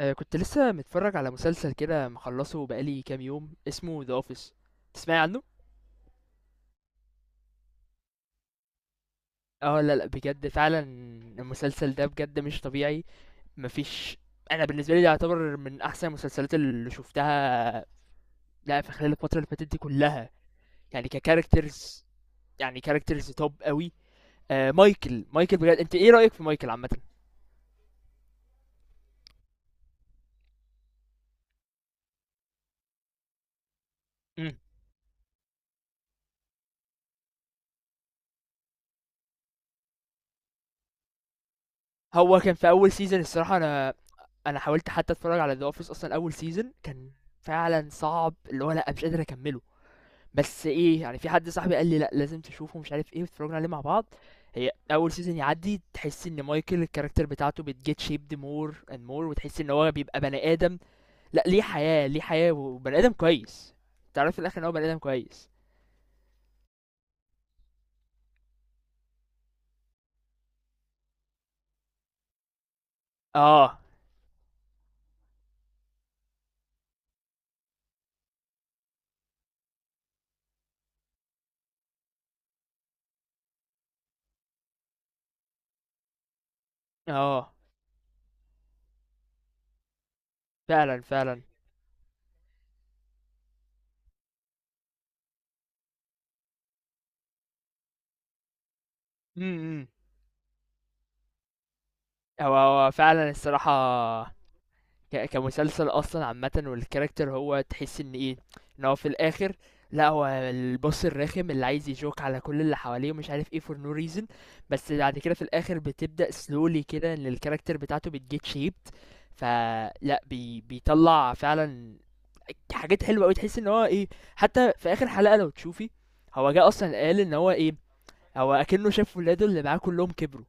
آه، كنت لسه متفرج على مسلسل كده مخلصه بقالي كام يوم اسمه ذا اوفيس. تسمعي عنه؟ اه لا بجد فعلا. المسلسل ده بجد مش طبيعي، مفيش. انا بالنسبه لي ده يعتبر من احسن المسلسلات اللي شفتها لا في خلال الفتره اللي فاتت دي كلها. يعني ككاركترز، يعني كاركترز توب قوي. آه، مايكل بجد، انت ايه رايك في مايكل عامه؟ مم. هو كان في اول سيزون الصراحه انا حاولت حتى اتفرج على ذا اوفيس اصلا. اول سيزون كان فعلا صعب، اللي هو لا مش قادر اكمله. بس إيه، يعني في حد صاحبي قال لي: "لأ، لازم تشوفه." ومش عارف إيه، واتفرجنا عليه مع بعض. هي أول season يعدّي تحسّي إن مايكل الcharacter بتاعته بتget shaped more and more وتحسّي إن هو بيبقى بني آدم. لأ، ليه حياة، ليه حياة وبني آدم كويس. تعرفي في الآخر إن هو بني آدم كويس. آه، آه، فعلًا، فعلًا. إمم، إمم. هو فعلًا الصراحة، ك- كمسلسل اصلا عامه والكاركتر هو تحس ان ايه، ان هو في الاخر لا هو البص الرخم اللي عايز يجوك على كل اللي حواليه ومش عارف ايه فور نو ريزن. بس بعد كده في الاخر بتبدا سلولي كده ان الكاركتر بتاعته بتجيت شيبت، فلا بي بيطلع فعلا حاجات حلوه قوي تحس ان هو ايه. حتى في اخر حلقه لو تشوفي هو جه اصلا قال ان هو ايه، هو اكنه شاف ولاده اللي معاه كلهم كبروا.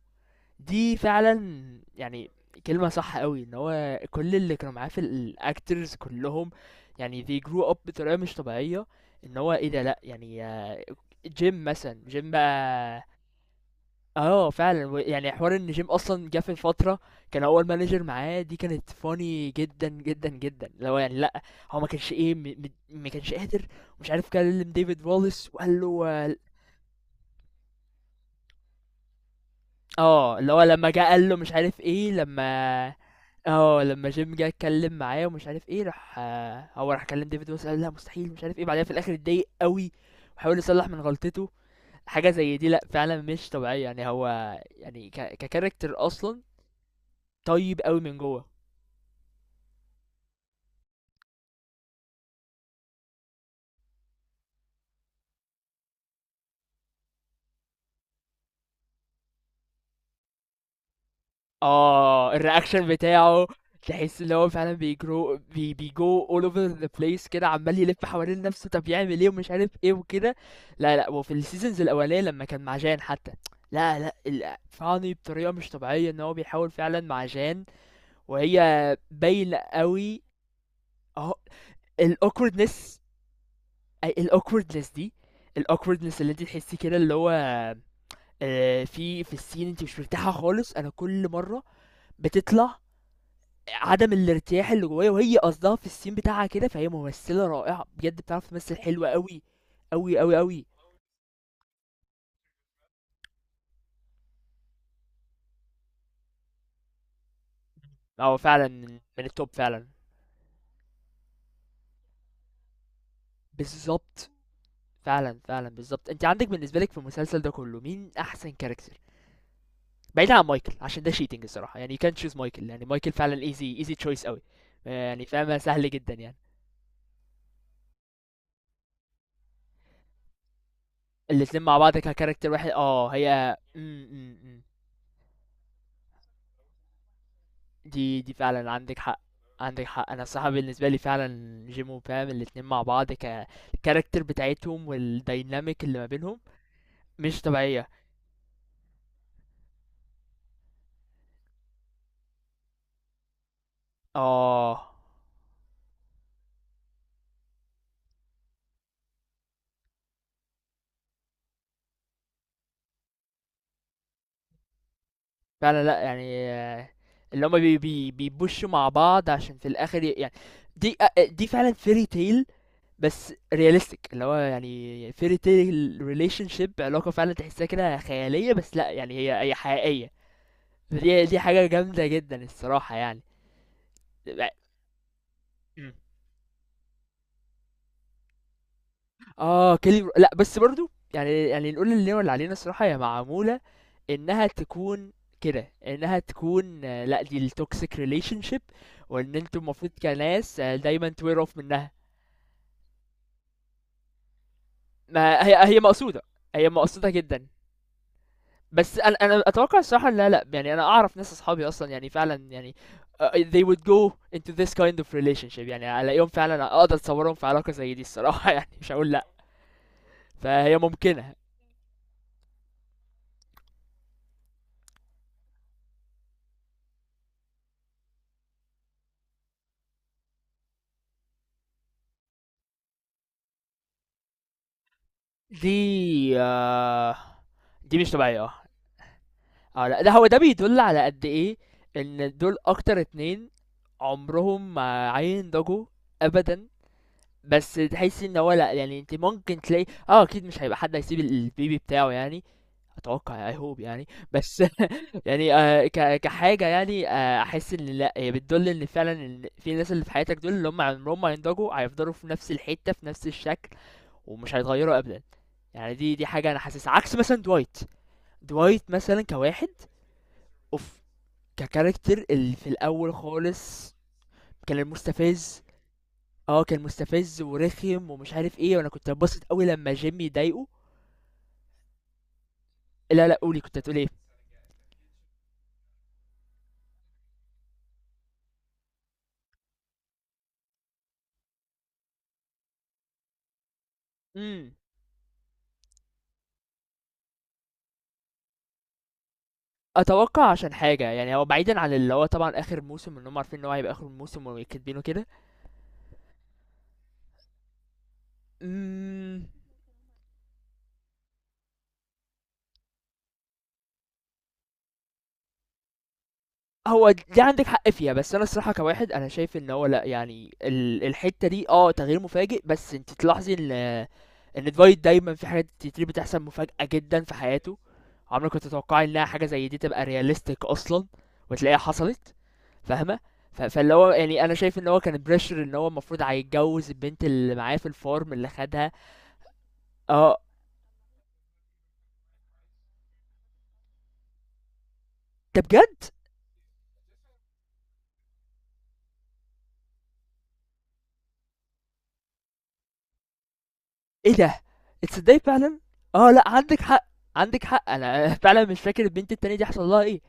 دي فعلًا يعني كلمة صح أوي، إن هو كل اللي كانوا معاه في الactors كلّهم، يعني they grew up بطريقة مش طبيعية، إن هو إيه ده لأ، يعني Jim مثلًا، Jim بقى آه فعلًا، ويعني حوار إن Jim أصلًا جه في فترة كان هو الmanager معاه دي كانت funny جدًا، جدًا، جدًا، اللي هو يعني لأ، هو ما كانش إيه م م ما كانش قادر، ومش عارف كلم David Wallace وقال له آه، اللي هو لمّا جه قال له مش عارف إيه، لمّا آه، لمّا جيم جه اتكلّم معاه ومش عارف إيه، راح آه، هو راح كلّم ديفيد ويلسون قال لأ مستحيل ومش عارف إيه، بعدها في الآخر اتضايق أوي وحاول يصلّح من غلطته. حاجة زي دي لأ فعلًا مش طبيعية، يعني هو يعني كcharacter أصلًا طيب أوي من جوّه. اه الرياكشن بتاعه تحس ان هو فعلا بيجرو بيجو all over the place كده عمال يلف حوالين نفسه طب يعمل ايه ومش عارف ايه وكده. لا وفي السيزونز الاولانيه لما كان مع جان حتى، لا ال- فاني بطريقه مش طبيعيه ان هو بيحاول فعلا مع جان، وهي باينه قوي. اهو الاوكوردنس. اي الاوكوردنس دي؟ الاوكوردنس اللي انت تحسي كده اللي هو آه، في في السين انت مش مرتاحه خالص، انا كل مره بتطلع عدم الارتياح اللي جوايا، وهي قصدها في الscene بتاعها كده، فهي ممثلة رائعة، بجد بتعرف تمثل حلو أوي، أوي، أوي، أوي. هو فعلًا من من الtop فعلًا. بالضبط، فعلًا، فعلًا، بالضبط. أنتِ عندِك بالنسبة لِك في المسلسل ده كله مين أحسن character؟ بعيدًا عن مايكل، عشان ده cheating الصراحة، يعني you can't choose مايكل، يعني مايكل فعلًا easy choice أوي، يعني فاهمة سهل جدًا يعني. الاتنين مع بعض كcharacter واحد آه، هي إمم، إمم، إمم. دي فعلًا عندِك حق، عندِك حق. أنا الصراحة بالنسبة لي فعلًا جيم وبام الاتنين مع بعض ك الCharacter بتاعتهم والdynamic اللي ما بينهم مش طبيعية. آه. فعلًا لأ، يعني آه، اللي هُم بي بي بيpushوا مع بعض عشان في الآخر ي يعني دي فعلًا fairy tale بس realistic اللي هو يعني fairy tale relationship، علاقة فعلًا تحسّيها كده خيالية بس لأ، يعني هي هي حقيقية. فدي حاجة جامدة جدًا الصراحة يعني. إمم. اه كلي لأ بس برضه يعني نقول اللي هو اللي علينا الصراحة هي معمولة إنها تكون كده، إنها تكون آه، لأ دي التوكسيك ريليشن شيب، وإن انتوا المفروض كناس آه، دايما توير اوف منها. ما هي هي مقصودة، هي مقصودة جدا. بس أنا أتوقع الصراحة لا لأ يعني أنا أعرف ناس أصحابي أصلا يعني فعلا يعني آه، they would go into this kind of relationship، يعني ألاقيهم فعلا أقدر أتصورهم في علاقة زي دي الصراحة يعني مش هقول لأ، فهي ممكنة. دي آه دي مش طبيعية آه. اه لا ده هو ده بيدل على قد ايه ان دول اكتر اتنين عمرهم ما هينضجوا ابدا. بس تحس ان هو لا يعني انت ممكن تلاقي اه اكيد مش هيبقى حد هيسيب البيبي بتاعه يعني، اتوقع اي هوب يعني. بس يعني آه ك... كحاجه يعني آه احس ان لا هي بتدل ان فعلا ان في ناس اللي في حياتك دول اللي هم عمرهم ما ينضجوا، هيفضلوا في نفس الحته في نفس الشكل ومش هيتغيروا ابدا. يعني دي حاجه انا حاسسها عكس مثلا دوايت. دوايت مثلا كواحد اوف ككاركتر اللي في الاول خالص كان المستفز. اه كان مستفز ورخم ومش عارف ايه، وانا كنت ببسط قوي لما جيمي يضايقه. لا قولي، كنت هتقول ايه؟ امم. اتوقع عشان حاجه يعني هو بعيدا عن اللي هو طبعا اخر موسم ان هم عارفين ان هو هيبقى اخر موسم وكاتبينه كده. امم. هو دي عندِك حق فيها، بس أنا الصراحة كواحد أنا شايف إن هو لأ، يعني ال الحتّة دي آه، تغيير مفاجئ، بس أنتِ تلاحظي إن Dwight دايمًا في حاجات كتير بتحصل مفاجأة جدًا في حياته، عمرِك ما تتوقعي إنها حاجة زي دي تبقى realistic أصلًا، وتلاقيها حصلت، فاهمة؟ ف فاللي هو يعني أنا شايف إن هو كان pressure إن هو المفروض هيتجوّز البنت اللي معاه في الfarm اللي خدها آه، ده بجد! إيه ده! تصدّقي فعلًا؟ آه لأ، عندِك حق، عندِك حق، أنا فعلًا مش فاكر البنت التانية دي حصل لها إيه.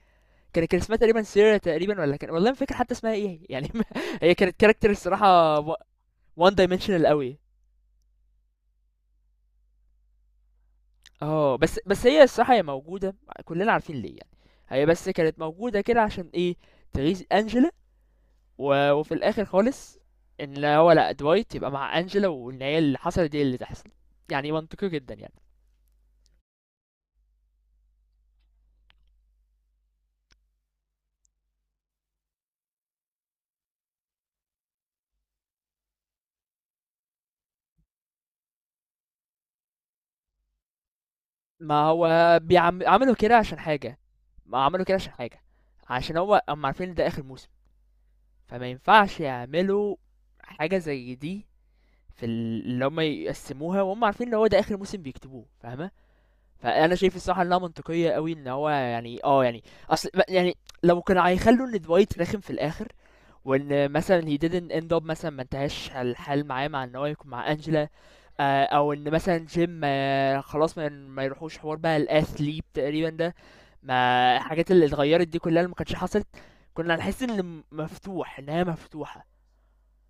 كان اسمها تقريبا سيرا تقريبا ولا كان، والله ما فاكر حتى اسمها ايه يعني. هي كانت كاركتر الصراحه وان دايمنشنال قوي. اه بس هي الصراحه هي موجوده، كلنا عارفين ليه يعني. هي بس كانت موجوده كده عشان ايه؟ تغيظ انجلا. و... وفي الاخر خالص ان لا هو لا دوايت يبقى مع انجلا وان هي اللي حصلت دي اللي تحصل، يعني منطقي جدا يعني. ما هو بيعم... عملوا كده عشان حاجه، ما عملوا كده عشان حاجه، عشان هو هم عارفين إن ده اخر موسم، فما ينفعش يعملوا حاجه زي دي في ال- اللي هم يقسموها وهم عارفين ان هو ده اخر موسم بيكتبوه، فاهمه؟ فانا شايف الصراحه انها منطقيه قوي ان هو يعني اه يعني اصل ما- يعني لو كانوا هيخلوا ان دوايت رخم في الاخر وان مثلا he didn't end up مثلا ما انتهاش الحال معاه مع ان هو يكون مع انجلا آه، او ان مثلا جيم آه، خلاص ما يروحوش حوار بقى الاثليب تقريبا ده، ما الحاجات اللي اتغيرت دي كلها اللي ما كانتش حصلت كنا هنحس ان الم- مفتوح انها مفتوحه.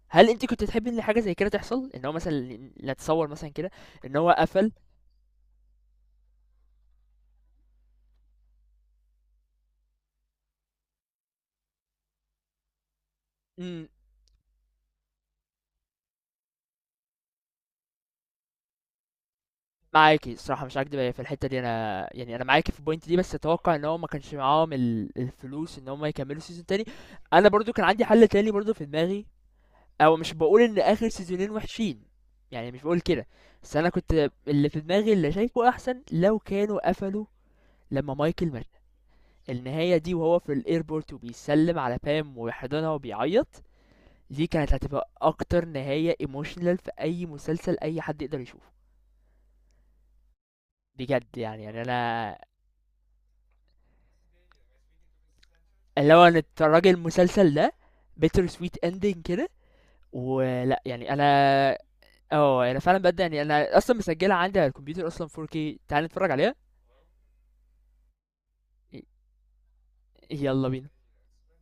هل أنتِ كنتِ تحبّي إن حاجة زي كده تحصل؟ إن هو مثلًا نتصوّر مثلًا كده إن هو قفل. إمم. معاكِ الصراحة مش هاكدب هي في الحتّة دي، أنا يعني أنا معاكِ في الpoint دي، بس أتوقّع إن هو ما كانش معاهم ال الفلوس إن هم يكمّلوا season تاني. أنا برضه كان عندي حَل تاني برضه في دماغي، أو مش باقول إن آخر سيزونين وِحشين، يعني مش باقول كده، بس أنا كنت اللي في دماغي اللي شايفه أحسن لو كانوا قفلوا لمّا مايكل مات. النهاية دي وهو في الairport وبيسلّم على pam ويحضنها وبيعيّط دي كانت هتبقى اكتر نهاية ايموشنال في اي مسلسل اي حد يقدر يشوفه. بجد يعني يعني انا اللي هو انا الراجل المسلسل ده بيتر سويت اندنج كده ولا يعني انا. اه انا فعلا بجد يعني انا اصلا مسجلها عندي على الكمبيوتر اصلا 4K، تعال نتفرج عليها. ي- يلا بينا.